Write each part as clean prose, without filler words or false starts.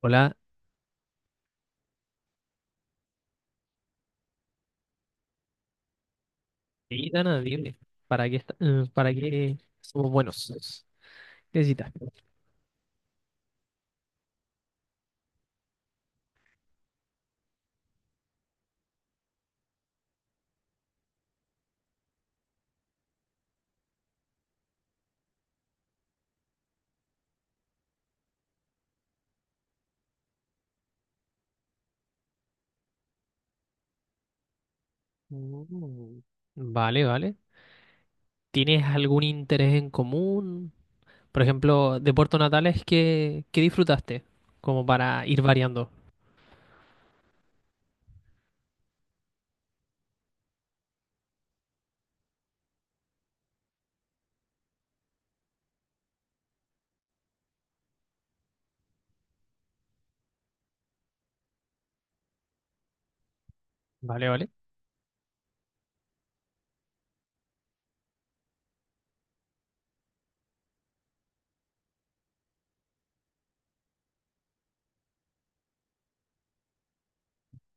Hola, Itana, dime, ¿para qué, para qué somos buenos? ¿Qué necesitas? Mm, vale, vale. ¿Tienes algún interés en común? Por ejemplo, de Puerto Natales, ¿qué disfrutaste? Como para ir variando. Vale, vale.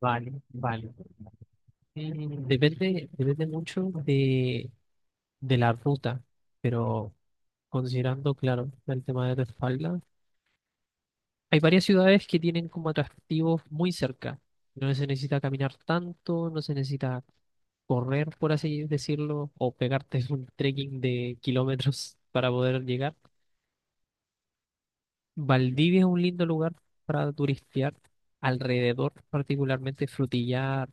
Vale, vale. Mm, depende, depende mucho de la ruta, pero considerando, claro, el tema de tu espalda. Hay varias ciudades que tienen como atractivos muy cerca. No se necesita caminar tanto, no se necesita correr, por así decirlo, o pegarte un trekking de kilómetros para poder llegar. Valdivia es un lindo lugar para turistear, alrededor particularmente Frutillar,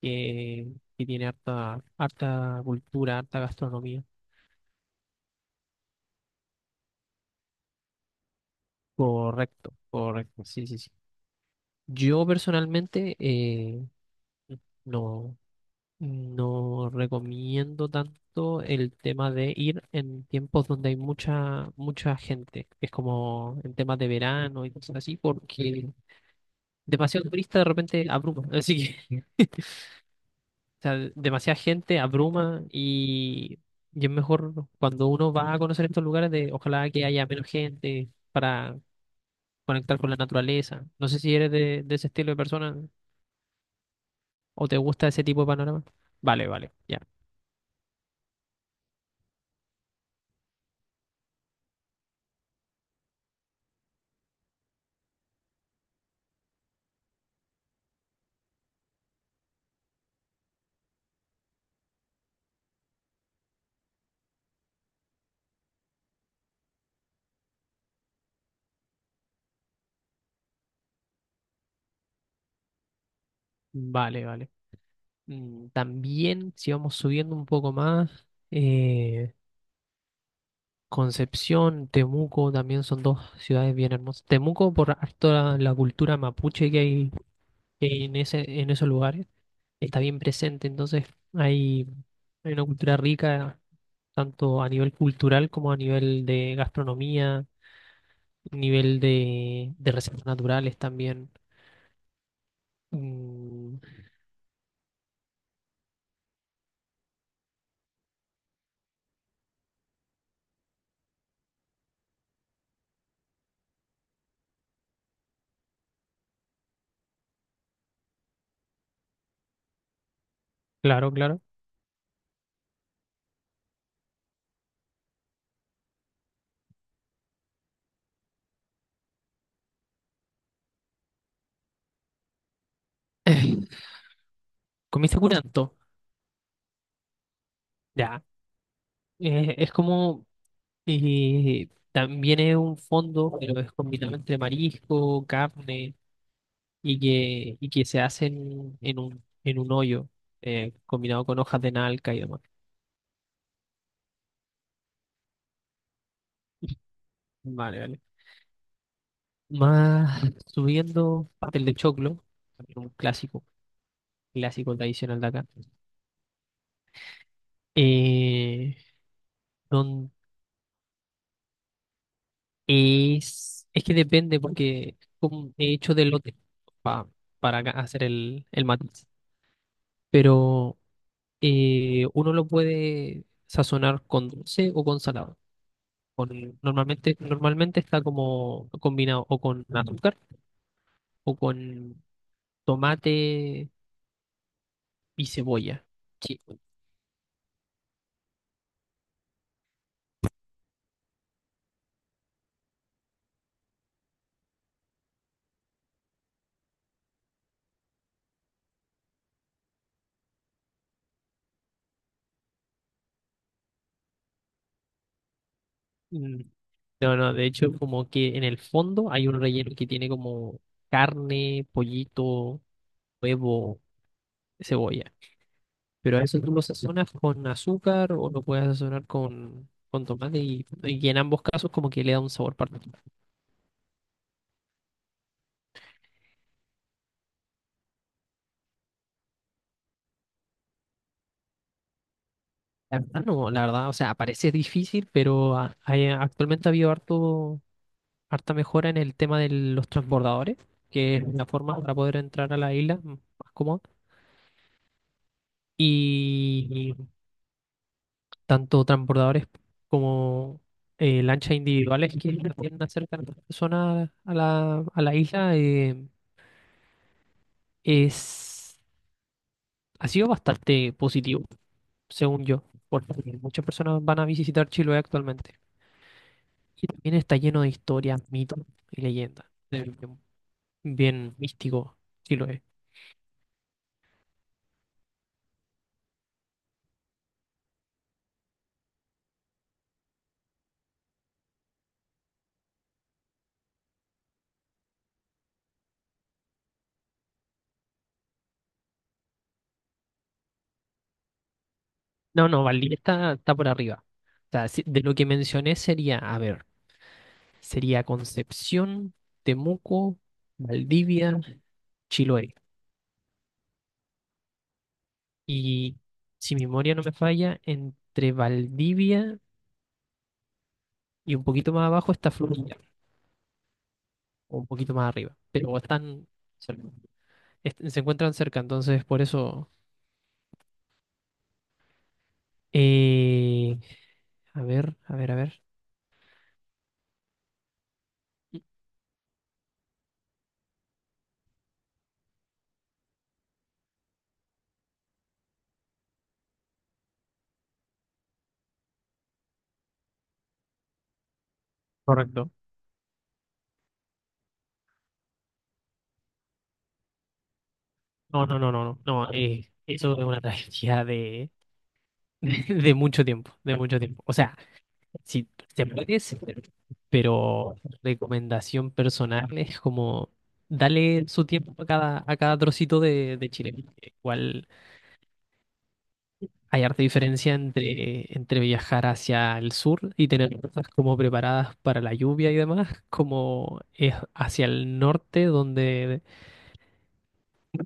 que, que tiene harta, harta cultura, harta gastronomía. Correcto, correcto, sí, sí, sí. Yo personalmente no. No recomiendo tanto el tema de ir en tiempos donde hay mucha, mucha gente. Es como en temas de verano y cosas así, porque demasiado turista de repente abruma. Así que, o sea, demasiada gente abruma y es mejor cuando uno va a conocer estos lugares, de ojalá que haya menos gente para conectar con la naturaleza. No sé si eres de ese estilo de persona o te gusta ese tipo de panorama. Vale, vale, ya. Vale, vale. Mm, también, si vamos subiendo un poco más, Concepción, Temuco, también son dos ciudades bien hermosas. Temuco, por harto la cultura mapuche que hay en ese, en esos lugares, está bien presente, entonces hay, hay una cultura rica, tanto a nivel cultural como a nivel de gastronomía, nivel de reservas naturales también. Mm, claro, claro. Comiste curanto, ya. Es como y también es un fondo, pero es combinado entre marisco, carne y que se hace en un hoyo, combinado con hojas de nalca y demás. Vale, vale. Más subiendo, pastel de choclo, también un clásico, clásico tradicional de acá. Eh, don- es que depende, porque como he hecho de lote pa- para acá hacer el matiz. Pero uno lo puede sazonar con dulce o con salado. Normalmente, normalmente está como combinado o con azúcar o con tomate y cebolla. Sí. Mm, no, no, de hecho, como que en el fondo hay un relleno que tiene como carne, pollito, huevo, cebolla. Pero a eso tú lo sazonas con azúcar, o lo puedes sazonar con tomate, y en ambos casos como que le da un sabor particular. La verdad no, la verdad, o sea, parece difícil, pero actualmente ha habido harto, harta mejora en el tema de los transbordadores, que es la forma para poder entrar a la isla más cómoda. Y tanto transbordadores como lanchas individuales que tienden a acercar a las personas a a la isla es, ha sido bastante positivo, según yo, porque muchas personas van a visitar Chiloé actualmente. Y también está lleno de historias, mitos y leyendas. Es bien, bien místico, sí lo es. No, no, Valdivia está, está por arriba. O sea, sí, de lo que mencioné sería, a ver, sería Concepción, Temuco, Valdivia, Chiloé. Y si mi memoria no me falla, entre Valdivia y un poquito más abajo está Florida, o un poquito más arriba, pero están cerca. Se encuentran cerca, entonces por eso... eh, a ver, a ver, a ver. Correcto. No, no, no, no, no, no, eso es una tragedia de, de mucho tiempo, de mucho tiempo. O sea, si se puede, sí, pero recomendación personal es como darle su tiempo a cada trocito de Chile. Igual hay harta diferencia entre, entre viajar hacia el sur y tener cosas como preparadas para la lluvia y demás, como es hacia el norte, donde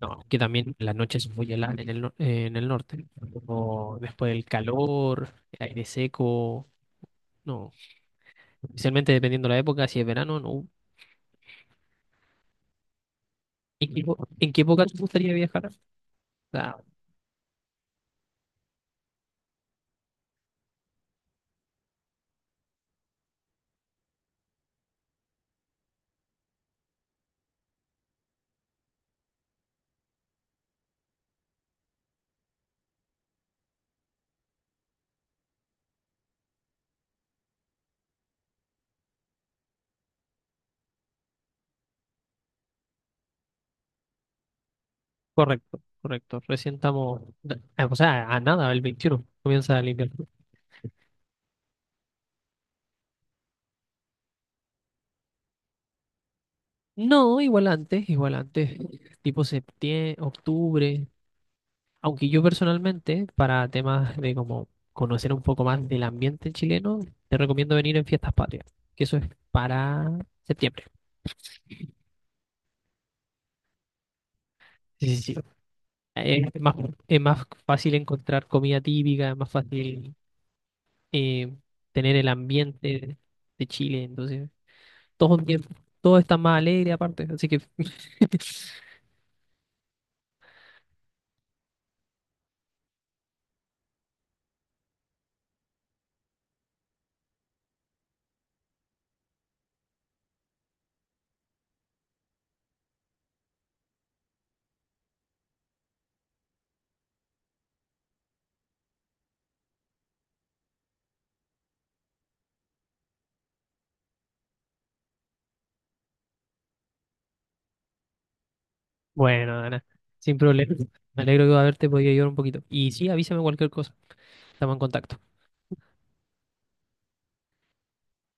no, que también la noche es muy helada en el, no- en el norte. O después el calor, el aire seco. No, especialmente dependiendo de la época, si es verano, no. ¿ En qué época te gustaría viajar? Ah, correcto, correcto. Recién estamos, ah, o sea, a nada, el 21 comienza el invierno. No, igual antes, igual antes. Tipo septiembre, octubre. Aunque yo personalmente, para temas de como conocer un poco más del ambiente chileno, te recomiendo venir en Fiestas Patrias, que eso es para septiembre. Sí, sí, sí. Es más, es más fácil encontrar comida típica, es más fácil eh, tener el ambiente de Chile, entonces todo, bien- todo está más alegre aparte, así que bueno, Ana, sin problema. Me alegro de haberte podido ayudar un poquito. Y sí, avísame cualquier cosa, estamos en contacto.